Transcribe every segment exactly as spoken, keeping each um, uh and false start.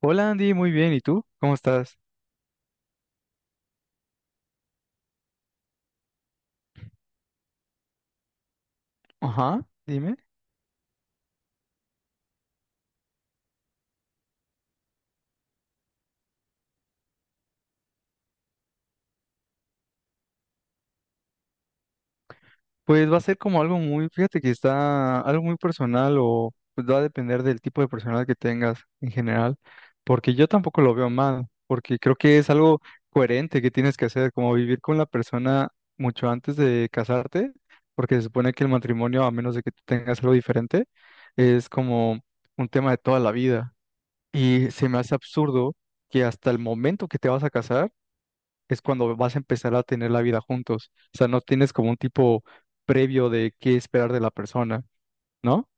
Hola Andy, muy bien. ¿Y tú? ¿Cómo estás? Ajá, dime. Pues va a ser como algo muy, fíjate que está algo muy personal o pues va a depender del tipo de personal que tengas en general, porque yo tampoco lo veo mal, porque creo que es algo coherente que tienes que hacer, como vivir con la persona mucho antes de casarte, porque se supone que el matrimonio, a menos de que tú tengas algo diferente, es como un tema de toda la vida. Y se me hace absurdo que hasta el momento que te vas a casar, es cuando vas a empezar a tener la vida juntos. O sea, no tienes como un tipo previo de qué esperar de la persona, ¿no?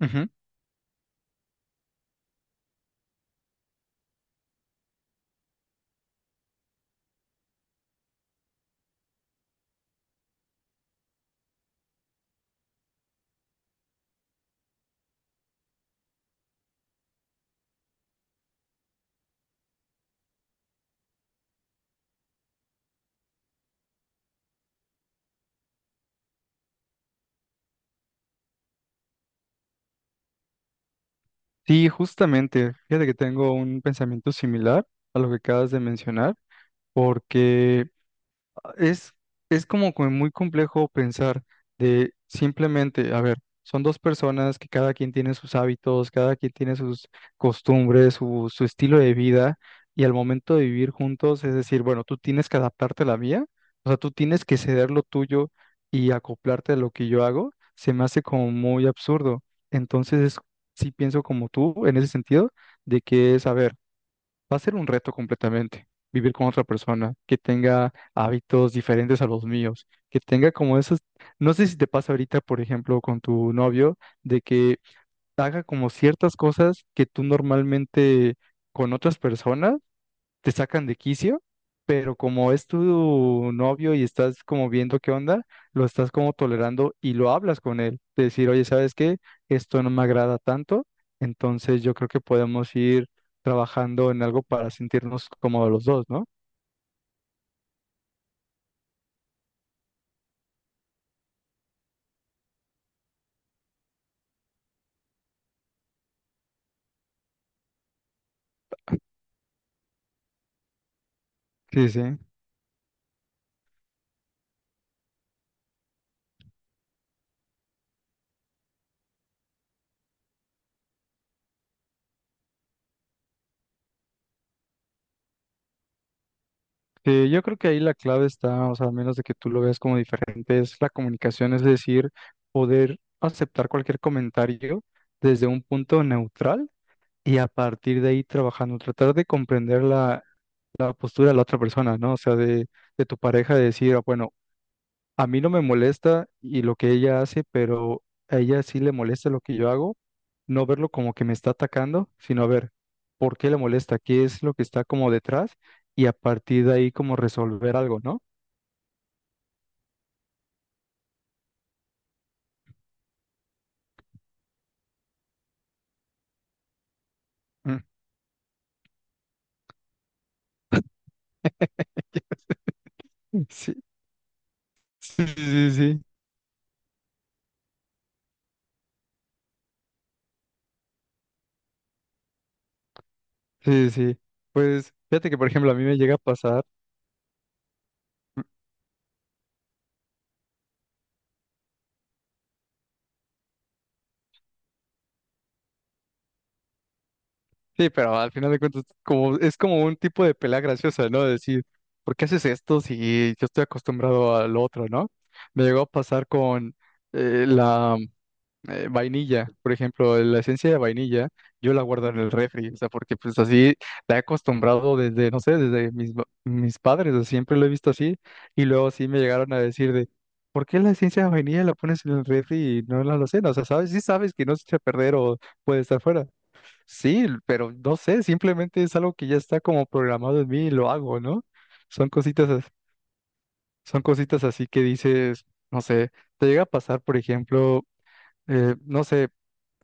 Ujú. Sí, justamente. Fíjate que tengo un pensamiento similar a lo que acabas de mencionar, porque Es, es como que muy complejo pensar de simplemente, a ver, son dos personas que cada quien tiene sus hábitos, cada quien tiene sus costumbres, su, su estilo de vida, y al momento de vivir juntos, es decir, bueno, tú tienes que adaptarte a la mía, o sea, tú tienes que ceder lo tuyo y acoplarte a lo que yo hago, se me hace como muy absurdo. Entonces, es- sí pienso como tú en ese sentido, de que es, a ver, va a ser un reto completamente vivir con otra persona que tenga hábitos diferentes a los míos, que tenga como esos, no sé si te pasa ahorita, por ejemplo, con tu novio, de que haga como ciertas cosas que tú normalmente con otras personas te sacan de quicio, pero como es tu novio y estás como viendo qué onda, lo estás como tolerando y lo hablas con él. De decir, oye, ¿sabes qué? Esto no me agrada tanto, entonces yo creo que podemos ir trabajando en algo para sentirnos cómodos los dos, ¿no? Sí, sí. Sí, yo creo que ahí la clave está, o sea, a menos de que tú lo veas como diferente, es la comunicación, es decir, poder aceptar cualquier comentario desde un punto neutral y a partir de ahí trabajando, tratar de comprender la la postura de la otra persona, ¿no? O sea, de, de tu pareja de decir, "Ah, bueno, a mí no me molesta y lo que ella hace, pero a ella sí le molesta lo que yo hago, no verlo como que me está atacando, sino a ver por qué le molesta, qué es lo que está como detrás y a partir de ahí como resolver algo, ¿no?" Mm. Sí, sí, sí, sí, sí, sí. Pues fíjate que, por ejemplo, a mí me llega a pasar. Sí, pero al final de cuentas, como, es como un tipo de pelea graciosa, ¿no? De decir, ¿por qué haces esto si yo estoy acostumbrado al otro? ¿No? Me llegó a pasar con eh, la eh, vainilla, por ejemplo, la esencia de vainilla, yo la guardo en el refri, o sea, porque pues así la he acostumbrado desde, no sé, desde mis, ba- mis padres, o sea, siempre lo he visto así, y luego sí me llegaron a decir de, ¿por qué la esencia de vainilla la pones en el refri y no en la alacena? O sea, ¿sabes? Sí sabes que no se echa a perder o puede estar fuera. Sí, pero no sé, simplemente es algo que ya está como programado en mí y lo hago, ¿no? Son cositas, as- son cositas así que dices, no sé, te llega a pasar, por ejemplo, eh, no sé,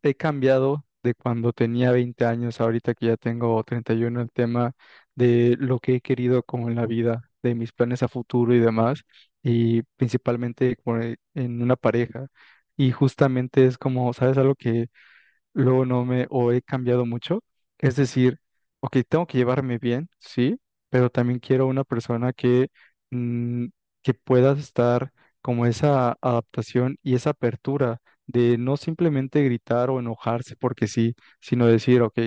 he cambiado de cuando tenía veinte años, ahorita que ya tengo treinta y uno, el tema de lo que he querido como en la vida, de mis planes a futuro y demás, y principalmente como en en una pareja. Y justamente es como, ¿sabes algo que luego no me o he cambiado mucho? Es decir, ok, tengo que llevarme bien, sí, pero también quiero una persona que, mm, que pueda estar como esa adaptación y esa apertura de no simplemente gritar o enojarse porque sí, sino decir, ok,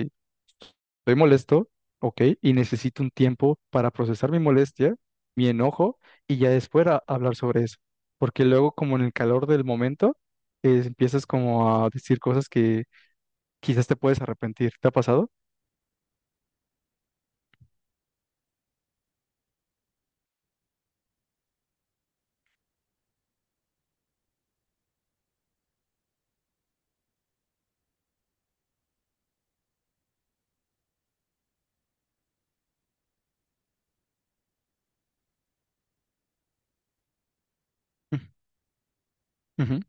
estoy molesto, ok, y necesito un tiempo para procesar mi molestia, mi enojo, y ya después a- hablar sobre eso. Porque luego, como en el calor del momento, eh, empiezas como a decir cosas que quizás te puedes arrepentir. ¿Te ha pasado? Ujú. Ujú.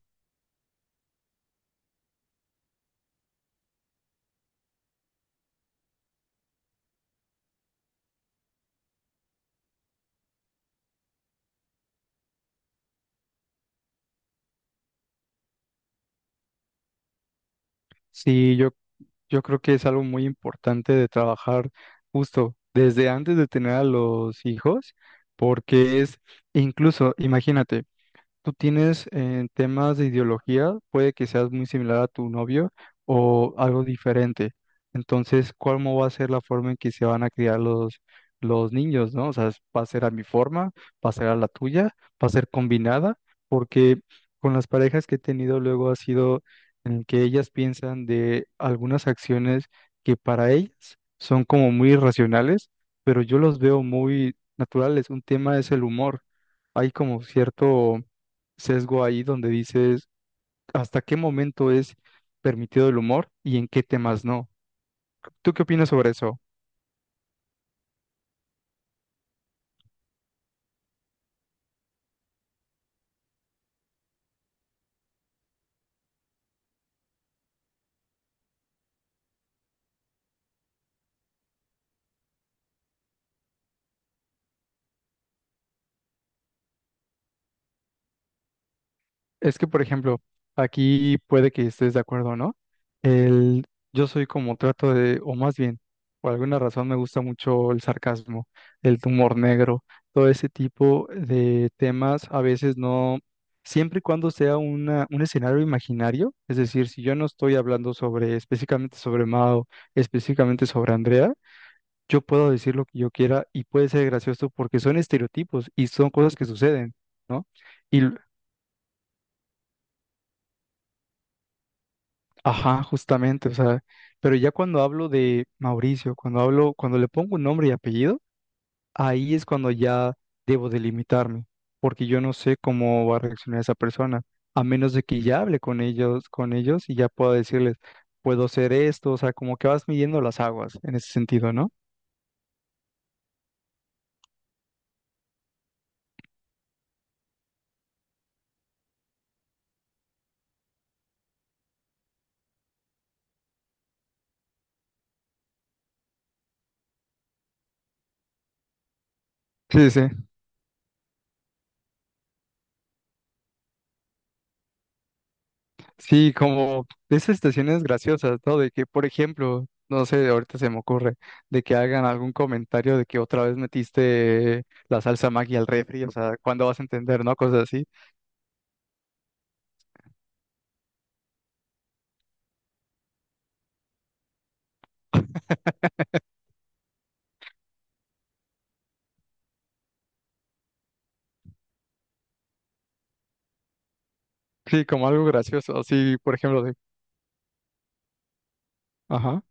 Sí, yo, yo creo que es algo muy importante de trabajar justo desde antes de tener a los hijos, porque es, incluso, imagínate, tú tienes en temas de ideología, puede que seas muy similar a tu novio o algo diferente. Entonces, ¿cómo va a ser la forma en que se van a criar los, los niños, ¿no? O sea, ¿va a ser a mi forma? ¿Va a ser a la tuya? ¿Va a ser combinada? Porque con las parejas que he tenido luego ha sido en el que ellas piensan de algunas acciones que para ellas son como muy irracionales, pero yo los veo muy naturales. Un tema es el humor. Hay como cierto sesgo ahí donde dices hasta qué momento es permitido el humor y en qué temas no. ¿Tú qué opinas sobre eso? Es que, por ejemplo, aquí puede que estés de acuerdo o no. El, yo soy como trato de, o más bien, por alguna razón me gusta mucho el sarcasmo, el humor negro, todo ese tipo de temas. A veces no, siempre y cuando sea una, un escenario imaginario, es decir, si yo no estoy hablando sobre específicamente sobre Mao, específicamente sobre Andrea, yo puedo decir lo que yo quiera y puede ser gracioso porque son estereotipos y son cosas que suceden, ¿no? Y, l- ajá, justamente, o sea, pero ya cuando hablo de Mauricio, cuando hablo, cuando le pongo un nombre y apellido, ahí es cuando ya debo delimitarme, porque yo no sé cómo va a reaccionar esa persona, a menos de que ya hable con ellos, con ellos y ya pueda decirles, puedo ser esto, o sea, como que vas midiendo las aguas en ese sentido, ¿no? Sí, sí. Sí, como esas estaciones graciosas, ¿no? De que, por ejemplo, no sé, ahorita se me ocurre, de que hagan algún comentario de que otra vez metiste la salsa Maggi al refri, o sea, ¿cuándo vas a entender, no? Cosas así. Sí, como algo gracioso. Sí, por ejemplo, de, ajá.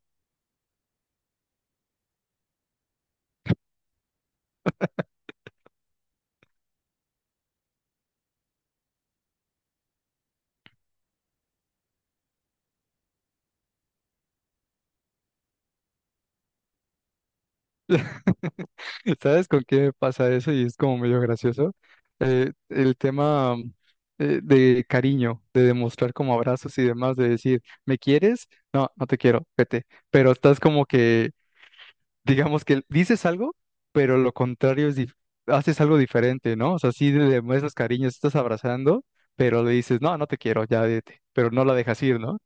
¿Sabes con qué pasa eso? Y es como medio gracioso. Eh, el tema mm, eh, de cariño, de demostrar como abrazos y demás, de decir, ¿me quieres? No, no te quiero, vete. Pero estás como que digamos que dices algo, pero lo contrario es, dif- haces algo diferente, ¿no? O sea, sí le demuestras cariño, sí estás abrazando, pero le dices, no, no te quiero, ya vete, pero no la dejas ir, ¿no?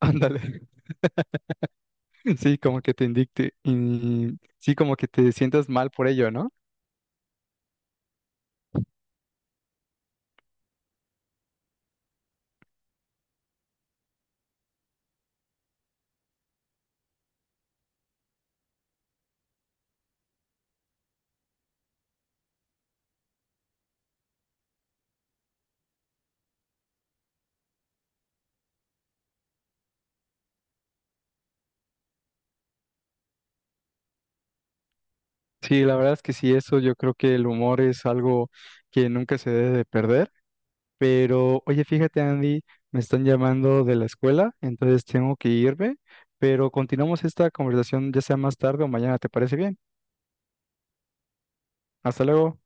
Ándale, sí, como que te indicte y sí, como que te sientas mal por ello, ¿no? Sí, la verdad es que sí, eso yo creo que el humor es algo que nunca se debe de perder. Pero, oye, fíjate, Andy, me están llamando de la escuela, entonces tengo que irme, pero continuamos esta conversación ya sea más tarde o mañana, ¿te parece bien? Hasta luego.